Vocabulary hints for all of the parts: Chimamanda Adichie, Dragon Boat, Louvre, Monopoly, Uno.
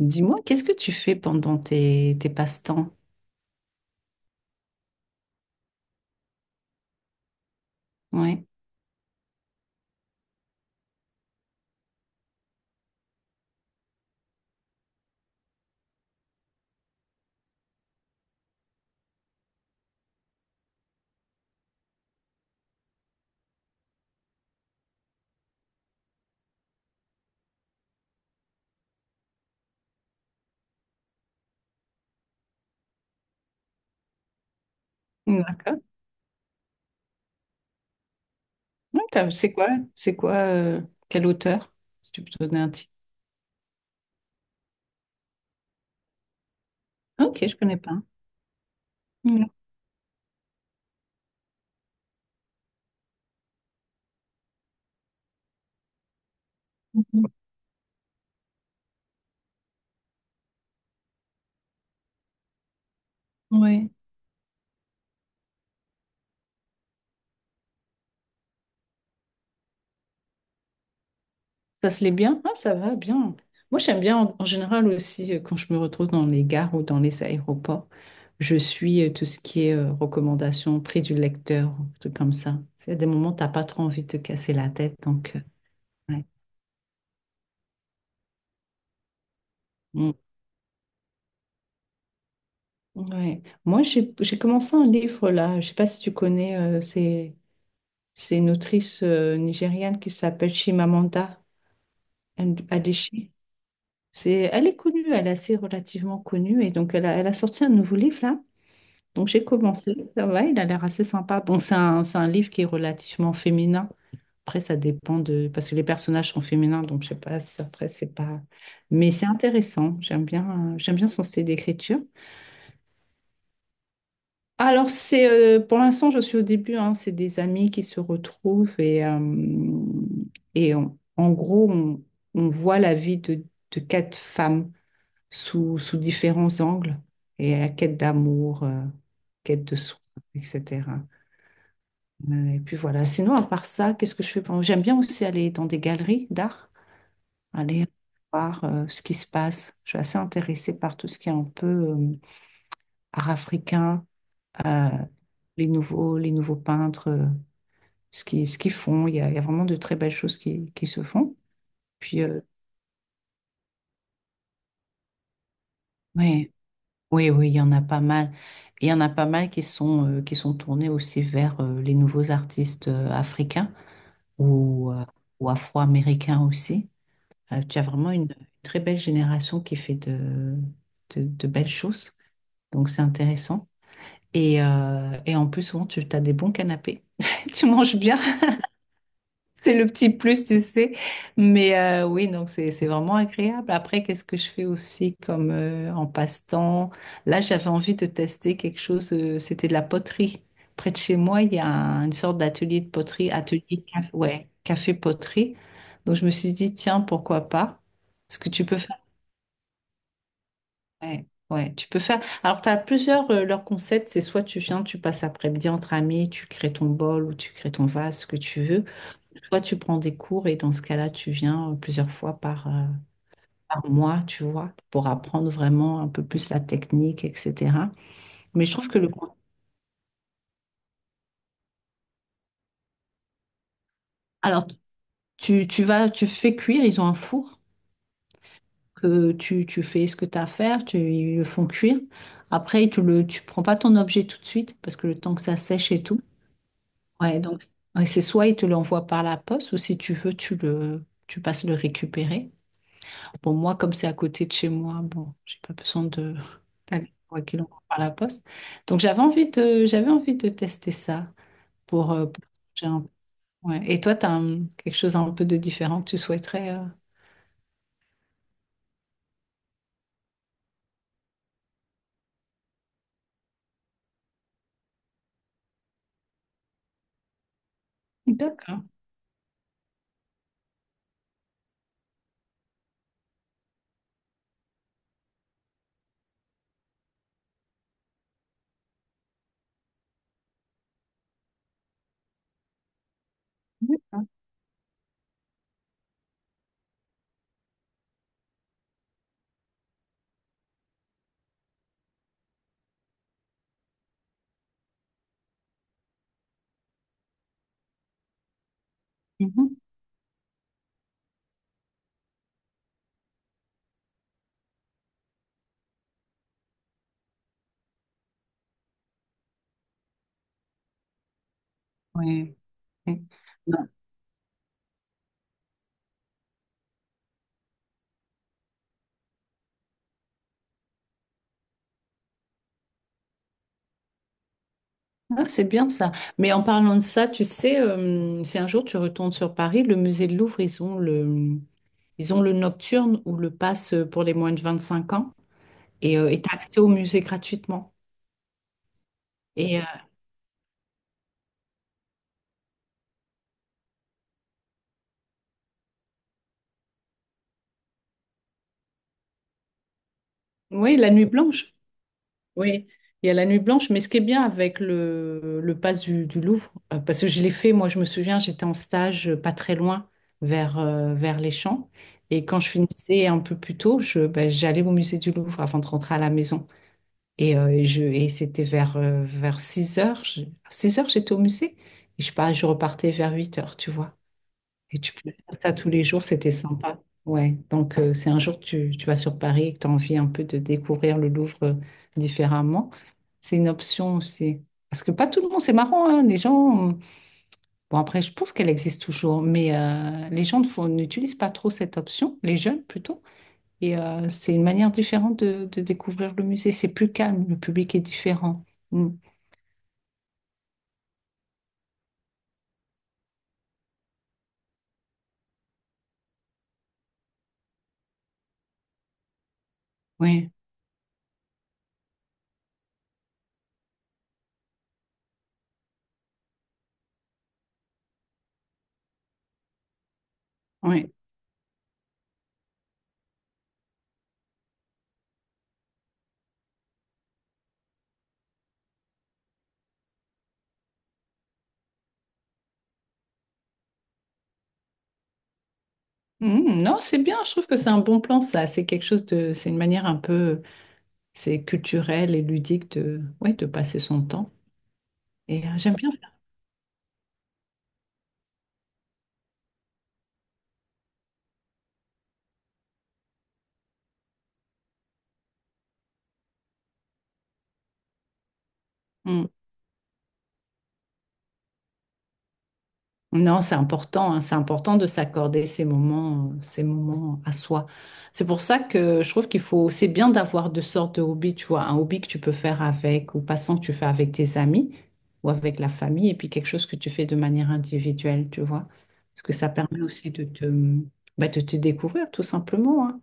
Dis-moi, qu'est-ce que tu fais pendant tes passe-temps? Ouais. D'accord. C'est quoi? C'est quoi? Quel auteur? Si tu peux te donner un titre. Ok, je connais pas. Mm. Ouais. Ça se l'est bien? Ah, ça va bien. Moi, j'aime bien en général aussi quand je me retrouve dans les gares ou dans les aéroports. Je suis tout ce qui est recommandations, prix du lecteur, tout comme ça. C'est à des moments où t'as pas trop envie de te casser la tête, donc. Ouais. Ouais. Moi, j'ai commencé un livre là. Je sais pas si tu connais, c'est une autrice nigériane qui s'appelle Chimamanda Adichie. C'est, elle est connue, elle est assez relativement connue et donc elle a sorti un nouveau livre là. Donc j'ai commencé. Ça va, il a l'air assez sympa. Bon, c'est un livre qui est relativement féminin. Après, ça dépend de parce que les personnages sont féminins, donc je sais pas. Si après, c'est pas. Mais c'est intéressant. J'aime bien son style d'écriture. Alors, c'est pour l'instant, je suis au début, hein, c'est des amis qui se retrouvent et en gros, on voit la vie de quatre femmes sous différents angles et la quête d'amour, quête de soi, etc. Et puis voilà, sinon, à part ça, qu'est-ce que je fais? J'aime bien aussi aller dans des galeries d'art, aller voir ce qui se passe. Je suis assez intéressée par tout ce qui est un peu art africain euh, les nouveaux peintres, ce qu'ils font. Il y a vraiment de très belles choses qui se font. Puis, euh, ouais, oui, il y en a pas mal. Il y en a pas mal qui sont tournés aussi vers les nouveaux artistes africains ou, euh, ou afro-américains aussi. Tu as vraiment une très belle génération qui fait de belles choses. Donc, c'est intéressant. Et en plus, souvent, tu as des bons canapés. Tu manges bien. C'est le petit plus, tu sais. Mais oui, donc c'est vraiment agréable. Après, qu'est-ce que je fais aussi comme en passe-temps? Là, j'avais envie de tester quelque chose. C'était de la poterie. Près de chez moi, il y a un- une sorte d'atelier de poterie, ouais, café poterie. Donc je me suis dit, tiens, pourquoi pas? Ce que tu peux faire. Ouais, tu peux faire. Alors, tu as plusieurs, leurs concepts. C'est soit tu viens, tu passes après-midi entre amis, tu crées ton bol ou tu crées ton vase, ce que tu veux. Toi, tu prends des cours et dans ce cas-là, tu viens euh, plusieurs fois par mois, tu vois, pour apprendre vraiment un peu plus la technique, etc. Mais je trouve que le... Alors, tu vas, tu fais cuire, ils ont un four que tu fais ce que tu as à faire, ils le font cuire. Après, tu prends pas ton objet tout de suite parce que le temps que ça sèche et tout. Ouais, donc ouais, c'est soit ils te l'envoient par la poste ou si tu veux, tu passes le récupérer. Pour moi, comme c'est à côté de chez moi, bon, j'ai pas besoin de d'aller 3 kilomètres par la poste. Donc, j'avais envie de tester ça pour changer un peu. Ouais. Et toi, tu as quelque chose un peu de différent que tu souhaiterais. D'accord. D'accord. Mhm. Ouais. Ouais. Non. Ah, c'est bien ça. Mais en parlant de ça, tu sais, si un jour tu retournes sur Paris, le musée de Louvre, ils ont le nocturne ou le pass pour les moins de 25 ans et t'as accès au musée gratuitement. Et euh, Oui, la nuit blanche. Oui, il y a la nuit blanche. Mais ce qui est bien avec le pass du Louvre, parce que je l'ai fait, moi, je me souviens, j'étais en stage pas très loin vers, vers les Champs. Et quand je finissais un peu plus tôt, j'allais au musée du Louvre avant de rentrer à la maison. Et c'était vers, vers 6 heures, j'étais au musée. Et je sais pas, je repartais vers 8 heures, tu vois. Et tu peux faire ça tous les jours, c'était sympa. Ouais. Donc, si un jour tu vas sur Paris et que tu as envie un peu de découvrir le Louvre différemment, c'est une option aussi. Parce que pas tout le monde, c'est marrant, hein, les gens. Bon, après, je pense qu'elle existe toujours, mais les gens ne font- n'utilisent pas trop cette option, les jeunes plutôt. C'est une manière différente de découvrir le musée. C'est plus calme, le public est différent. Mm. Ouais, ouais. Mm, non, c'est bien, je trouve que c'est un bon plan, ça. C'est quelque chose de. C'est une manière un peu. C'est culturel et ludique de, ouais, de passer son temps. J'aime bien faire. Mm. Non, c'est important, hein, c'est important de s'accorder ces moments à soi. C'est pour ça que je trouve qu'il faut, c'est bien d'avoir deux sortes de hobbies, tu vois, un hobby que tu peux faire avec ou passant que tu fais avec tes amis ou avec la famille, et puis quelque chose que tu fais de manière individuelle, tu vois. Parce que ça permet aussi de de te découvrir, tout simplement, hein.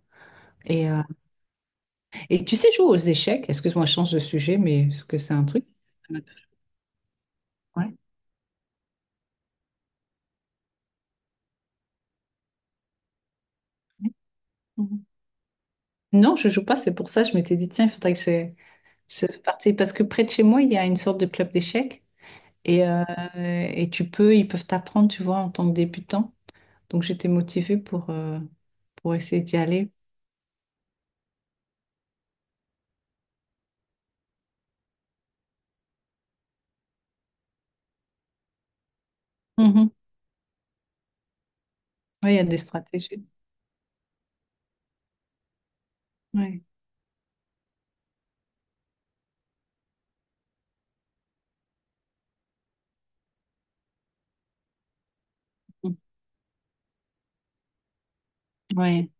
Et, euh, et tu sais jouer aux échecs, excuse-moi, je change de sujet, mais est-ce que c'est un truc? Ouais. Mhm. Non, je joue pas, c'est pour ça je m'étais dit, tiens, il faudrait que je participe. Parce que près de chez moi, il y a une sorte de club d'échecs et, euh, et tu peux, ils peuvent t'apprendre, tu vois, en tant que débutant. Donc j'étais motivée pour essayer d'y aller. Mhm. Ouais, il y a des stratégies. Ouais. Mhm. Ouais,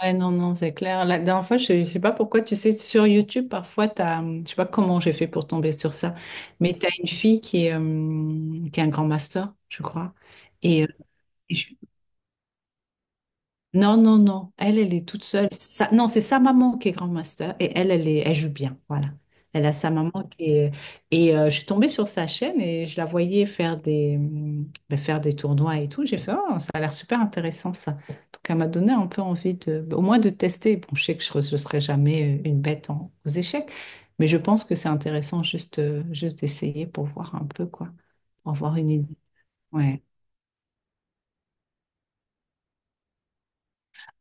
ouais, non, non, c'est clair. La dernière fois, je sais pas pourquoi, tu sais, sur YouTube, parfois, je sais pas comment j'ai fait pour tomber sur ça, mais t'as une fille qui est un grand master, je crois. Et, euh, et je- Non, non, non. Elle, elle est toute seule. Non, c'est sa maman qui est grand master et elle, elle est, elle joue bien. Voilà. Elle a sa maman qui est. Je suis tombée sur sa chaîne et je la voyais faire des, ben, faire des tournois et tout. J'ai fait, oh, ça a l'air super intéressant ça. Donc, elle m'a donné un peu envie de, au moins de tester. Bon, je sais que je ne serai jamais une bête aux échecs, mais je pense que c'est intéressant juste, juste d'essayer pour voir un peu, quoi, pour avoir une idée. Ouais.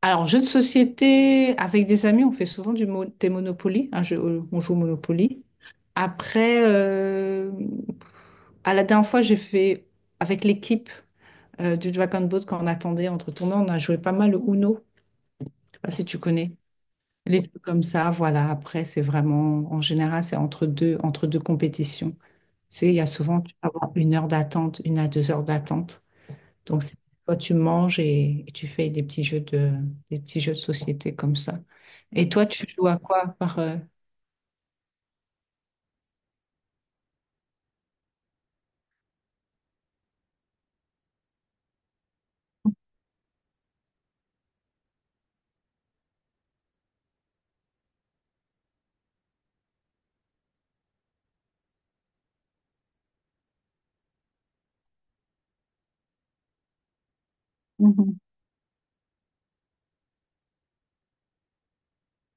Alors, jeu de société, avec des amis, on fait souvent du mo- des Monopoly. Un jeu- on joue au Monopoly. Après, euh, à la dernière fois, j'ai fait avec l'équipe du Dragon Boat quand on attendait entre tournois, on a joué pas mal au Uno. Je sais pas si tu connais. Les trucs comme ça, voilà. Après, c'est vraiment, en général, c'est entre deux compétitions. Tu sais, il y a souvent tu peux avoir une heure d'attente, une à deux heures d'attente. Donc, c'est- toi, tu manges et tu fais des petits jeux de, des petits jeux de société comme ça. Et toi, tu joues à quoi par, Mhm.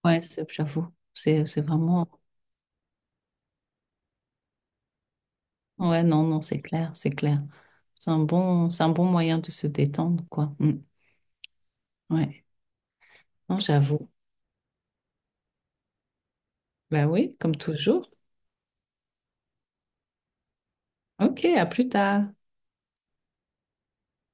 J'avoue, c'est vraiment... Ouais, non, non, c'est clair, c'est clair. C'est un bon moyen de se détendre, quoi. Mm. Ouais, non, j'avoue. Bah oui, comme toujours. Ok, à plus tard.